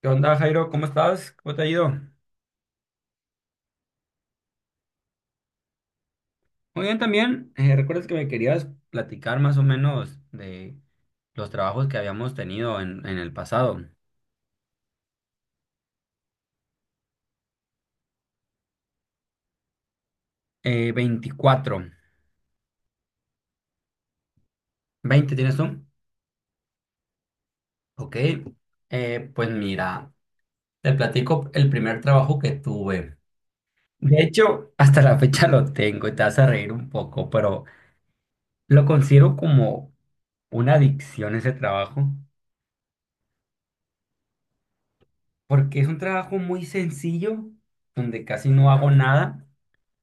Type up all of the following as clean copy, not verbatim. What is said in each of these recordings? ¿Qué onda, Jairo? ¿Cómo estás? ¿Cómo te ha ido? Muy bien también. ¿Recuerdas que me querías platicar más o menos de los trabajos que habíamos tenido en el pasado? 24. ¿20 tienes tú? Ok. Pues mira, te platico el primer trabajo que tuve. De hecho, hasta la fecha lo tengo y te vas a reír un poco, pero lo considero como una adicción ese trabajo, porque es un trabajo muy sencillo, donde casi no hago nada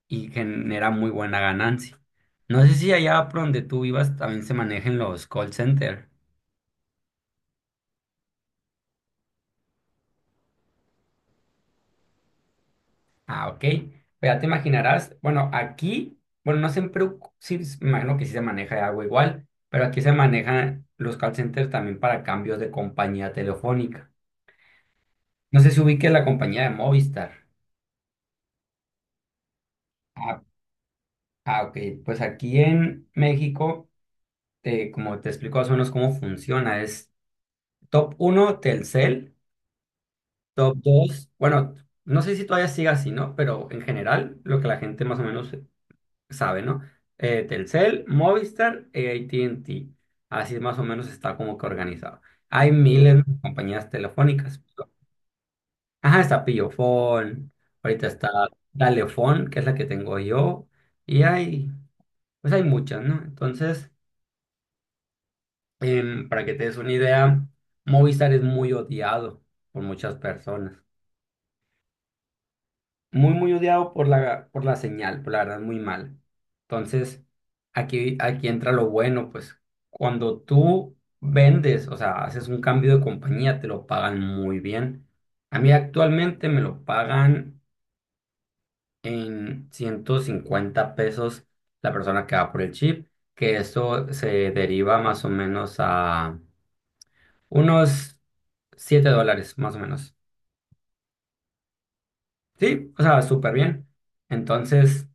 y genera muy buena ganancia. No sé si allá por donde tú vivas también se manejen los call center. Ah, ok. Pues ya te imaginarás, bueno, aquí, bueno, no siempre, sí, me imagino que sí se maneja algo igual, pero aquí se manejan los call centers también para cambios de compañía telefónica. No sé si ubique la compañía de Movistar. Ah, ah, ok. Pues aquí en México, como te explico más o menos cómo funciona, es top uno Telcel. Top 2, bueno, no sé si todavía siga así, ¿no? Pero en general, lo que la gente más o menos sabe, ¿no? Telcel, Movistar e AT&T. Así más o menos está como que organizado. Hay miles de compañías telefónicas. Ajá, está Pillofón. Ahorita está Dalefón, que es la que tengo yo. Y hay, pues hay muchas, ¿no? Entonces, para que te des una idea, Movistar es muy odiado por muchas personas. Muy, muy odiado por la señal, por la verdad, muy mal. Entonces, aquí entra lo bueno, pues cuando tú vendes, o sea, haces un cambio de compañía, te lo pagan muy bien. A mí actualmente me lo pagan en 150 pesos la persona que va por el chip, que eso se deriva más o menos a unos 7 dólares, más o menos. Sí, o sea, súper bien. Entonces,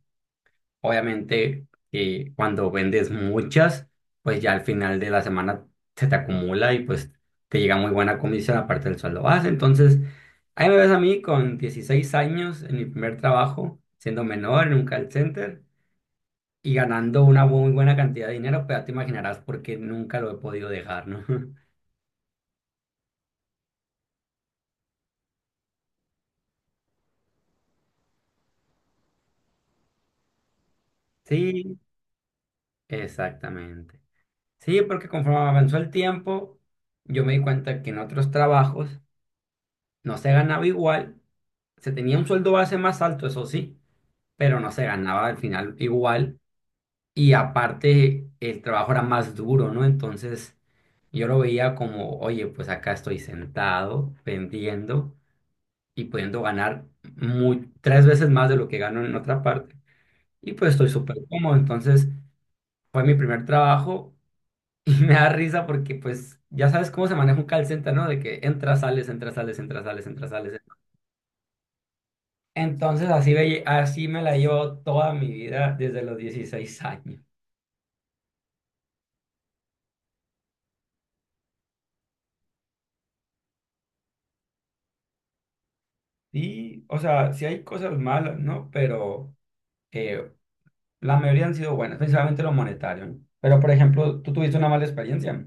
obviamente, cuando vendes muchas, pues ya al final de la semana se te acumula y pues te llega muy buena comisión aparte del sueldo base. Entonces, ahí me ves a mí con 16 años en mi primer trabajo, siendo menor en un call center y ganando una muy buena cantidad de dinero, pues ya te imaginarás por qué nunca lo he podido dejar, ¿no? Sí, exactamente. Sí, porque conforme avanzó el tiempo, yo me di cuenta que en otros trabajos no se ganaba igual. Se tenía un sueldo base más alto, eso sí, pero no se ganaba al final igual. Y aparte, el trabajo era más duro, ¿no? Entonces, yo lo veía como, oye, pues acá estoy sentado, vendiendo y pudiendo ganar muy, tres veces más de lo que gano en otra parte. Y pues estoy súper cómodo. Entonces, fue mi primer trabajo. Y me da risa porque, pues, ya sabes cómo se maneja un call center, ¿no? De que entras, sales, entras, sales, entras, sales, entras, sales. Entonces así, así me la llevo toda mi vida desde los 16 años. Y, o sea, sí hay cosas malas, ¿no? Pero eh, la mayoría han sido buenas, principalmente lo monetario, ¿no? Pero, por ejemplo, tú tuviste una mala experiencia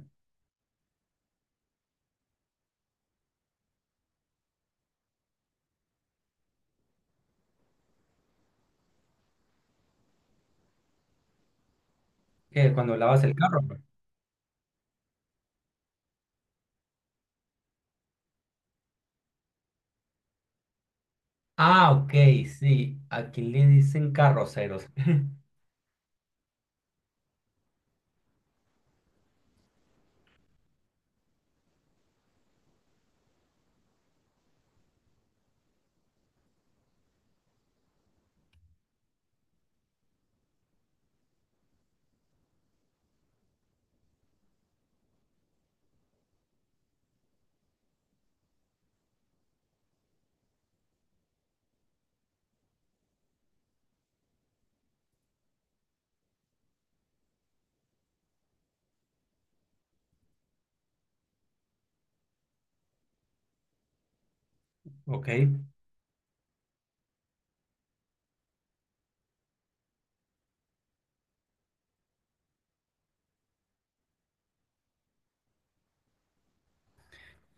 cuando lavas el carro. Ah, ok, sí. Aquí le dicen carroceros. Ok.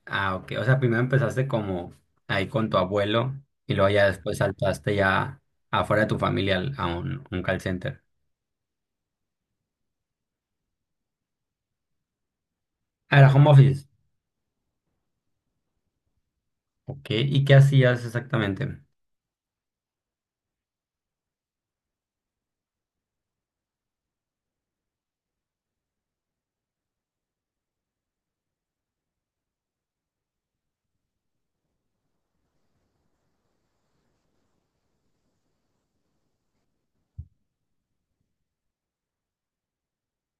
Ah, ok. O sea, primero empezaste como ahí con tu abuelo y luego ya después saltaste ya afuera de tu familia a un call center. Ah, era home office. Ok, ¿y qué hacías exactamente?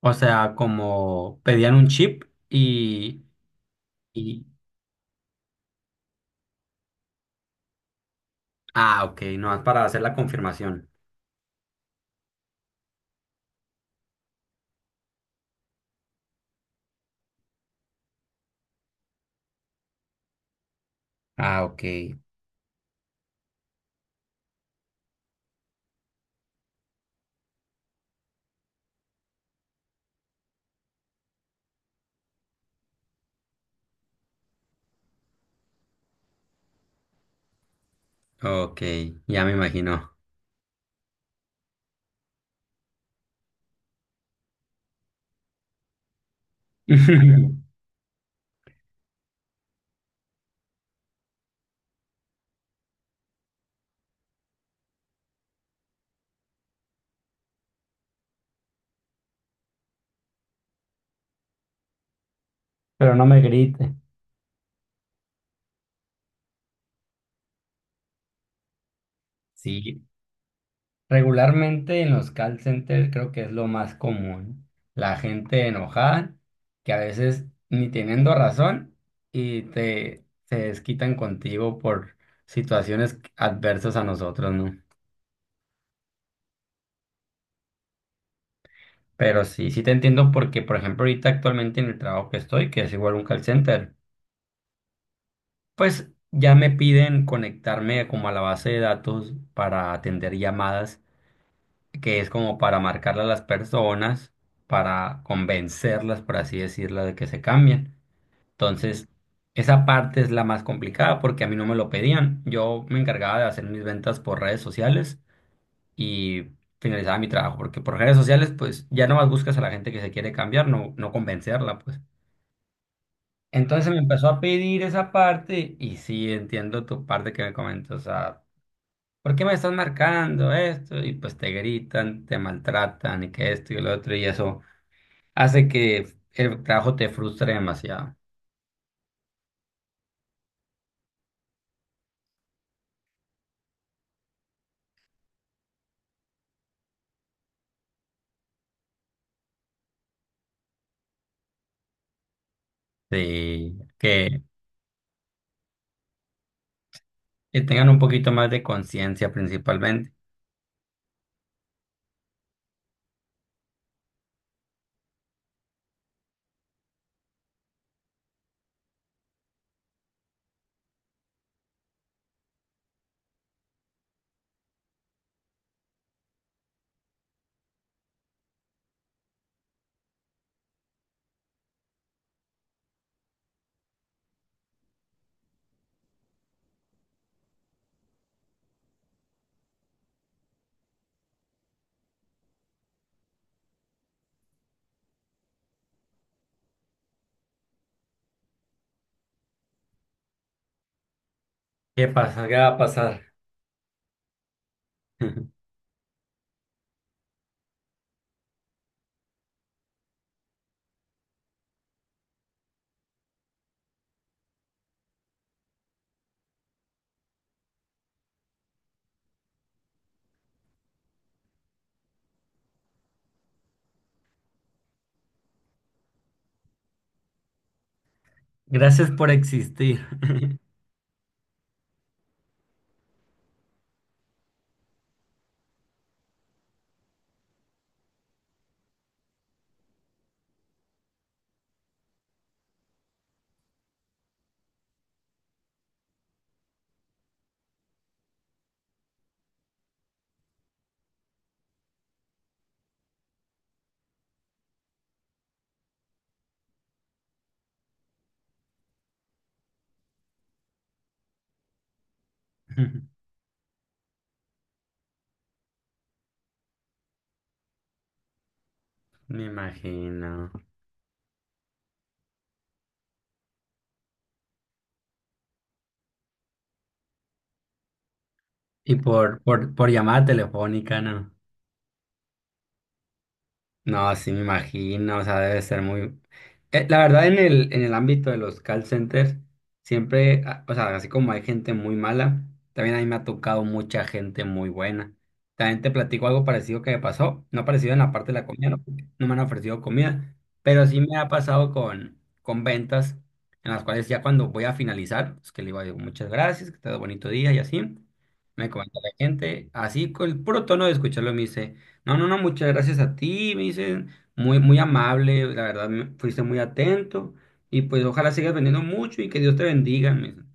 O sea, como pedían un chip y, y... Ah, ok, no, es para hacer la confirmación. Ah, ok, ok, ya me imagino. Pero no me grite. Sí, regularmente en los call centers creo que es lo más común. La gente enojada, que a veces ni teniendo razón y te se desquitan contigo por situaciones adversas a nosotros, ¿no? Pero sí, sí te entiendo porque, por ejemplo, ahorita actualmente en el trabajo que estoy, que es igual un call center, pues ya me piden conectarme como a la base de datos para atender llamadas, que es como para marcarle a las personas, para convencerlas, por así decirlo, de que se cambien. Entonces, esa parte es la más complicada porque a mí no me lo pedían. Yo me encargaba de hacer mis ventas por redes sociales y finalizaba mi trabajo, porque por redes sociales, pues ya nomás buscas a la gente que se quiere cambiar, no, no convencerla, pues. Entonces me empezó a pedir esa parte y sí entiendo tu parte que me comentas, o sea, ¿por qué me estás marcando esto? Y pues te gritan, te maltratan y que esto y lo otro y eso hace que el trabajo te frustre demasiado. Sí, que tengan un poquito más de conciencia principalmente. ¿Qué pasa? ¿Qué va a pasar? Gracias por existir. Me imagino. Y por llamada telefónica, ¿no? No, sí me imagino, o sea, debe ser muy... la verdad, en el ámbito de los call centers, siempre, ah, o sea, así como hay gente muy mala, también a mí me ha tocado mucha gente muy buena. También te platico algo parecido que me pasó, no parecido en la parte de la comida, no, porque no me han ofrecido comida, pero sí me ha pasado con ventas en las cuales ya cuando voy a finalizar, pues que le digo, "Ay, muchas gracias, que te ha dado bonito día" y así, me comenta la gente, así con el puro tono de escucharlo me dice... No, no, no, muchas gracias a ti, me dicen, muy, muy amable, la verdad, fuiste muy atento y pues ojalá sigas vendiendo mucho y que Dios te bendiga, me dicen.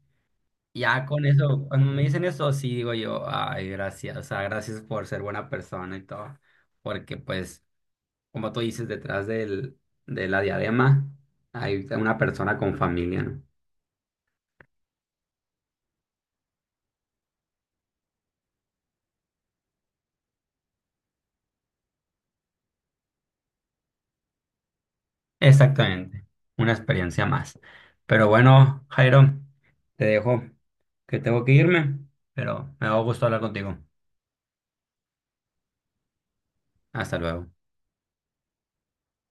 Ya con eso, cuando me dicen eso, sí digo yo, ay, gracias, o sea, gracias por ser buena persona y todo, porque pues, como tú dices, detrás del, de la diadema hay una persona con familia, ¿no? Exactamente, una experiencia más. Pero bueno, Jairo, te dejo que tengo que irme, pero me da gusto hablar contigo. Hasta luego.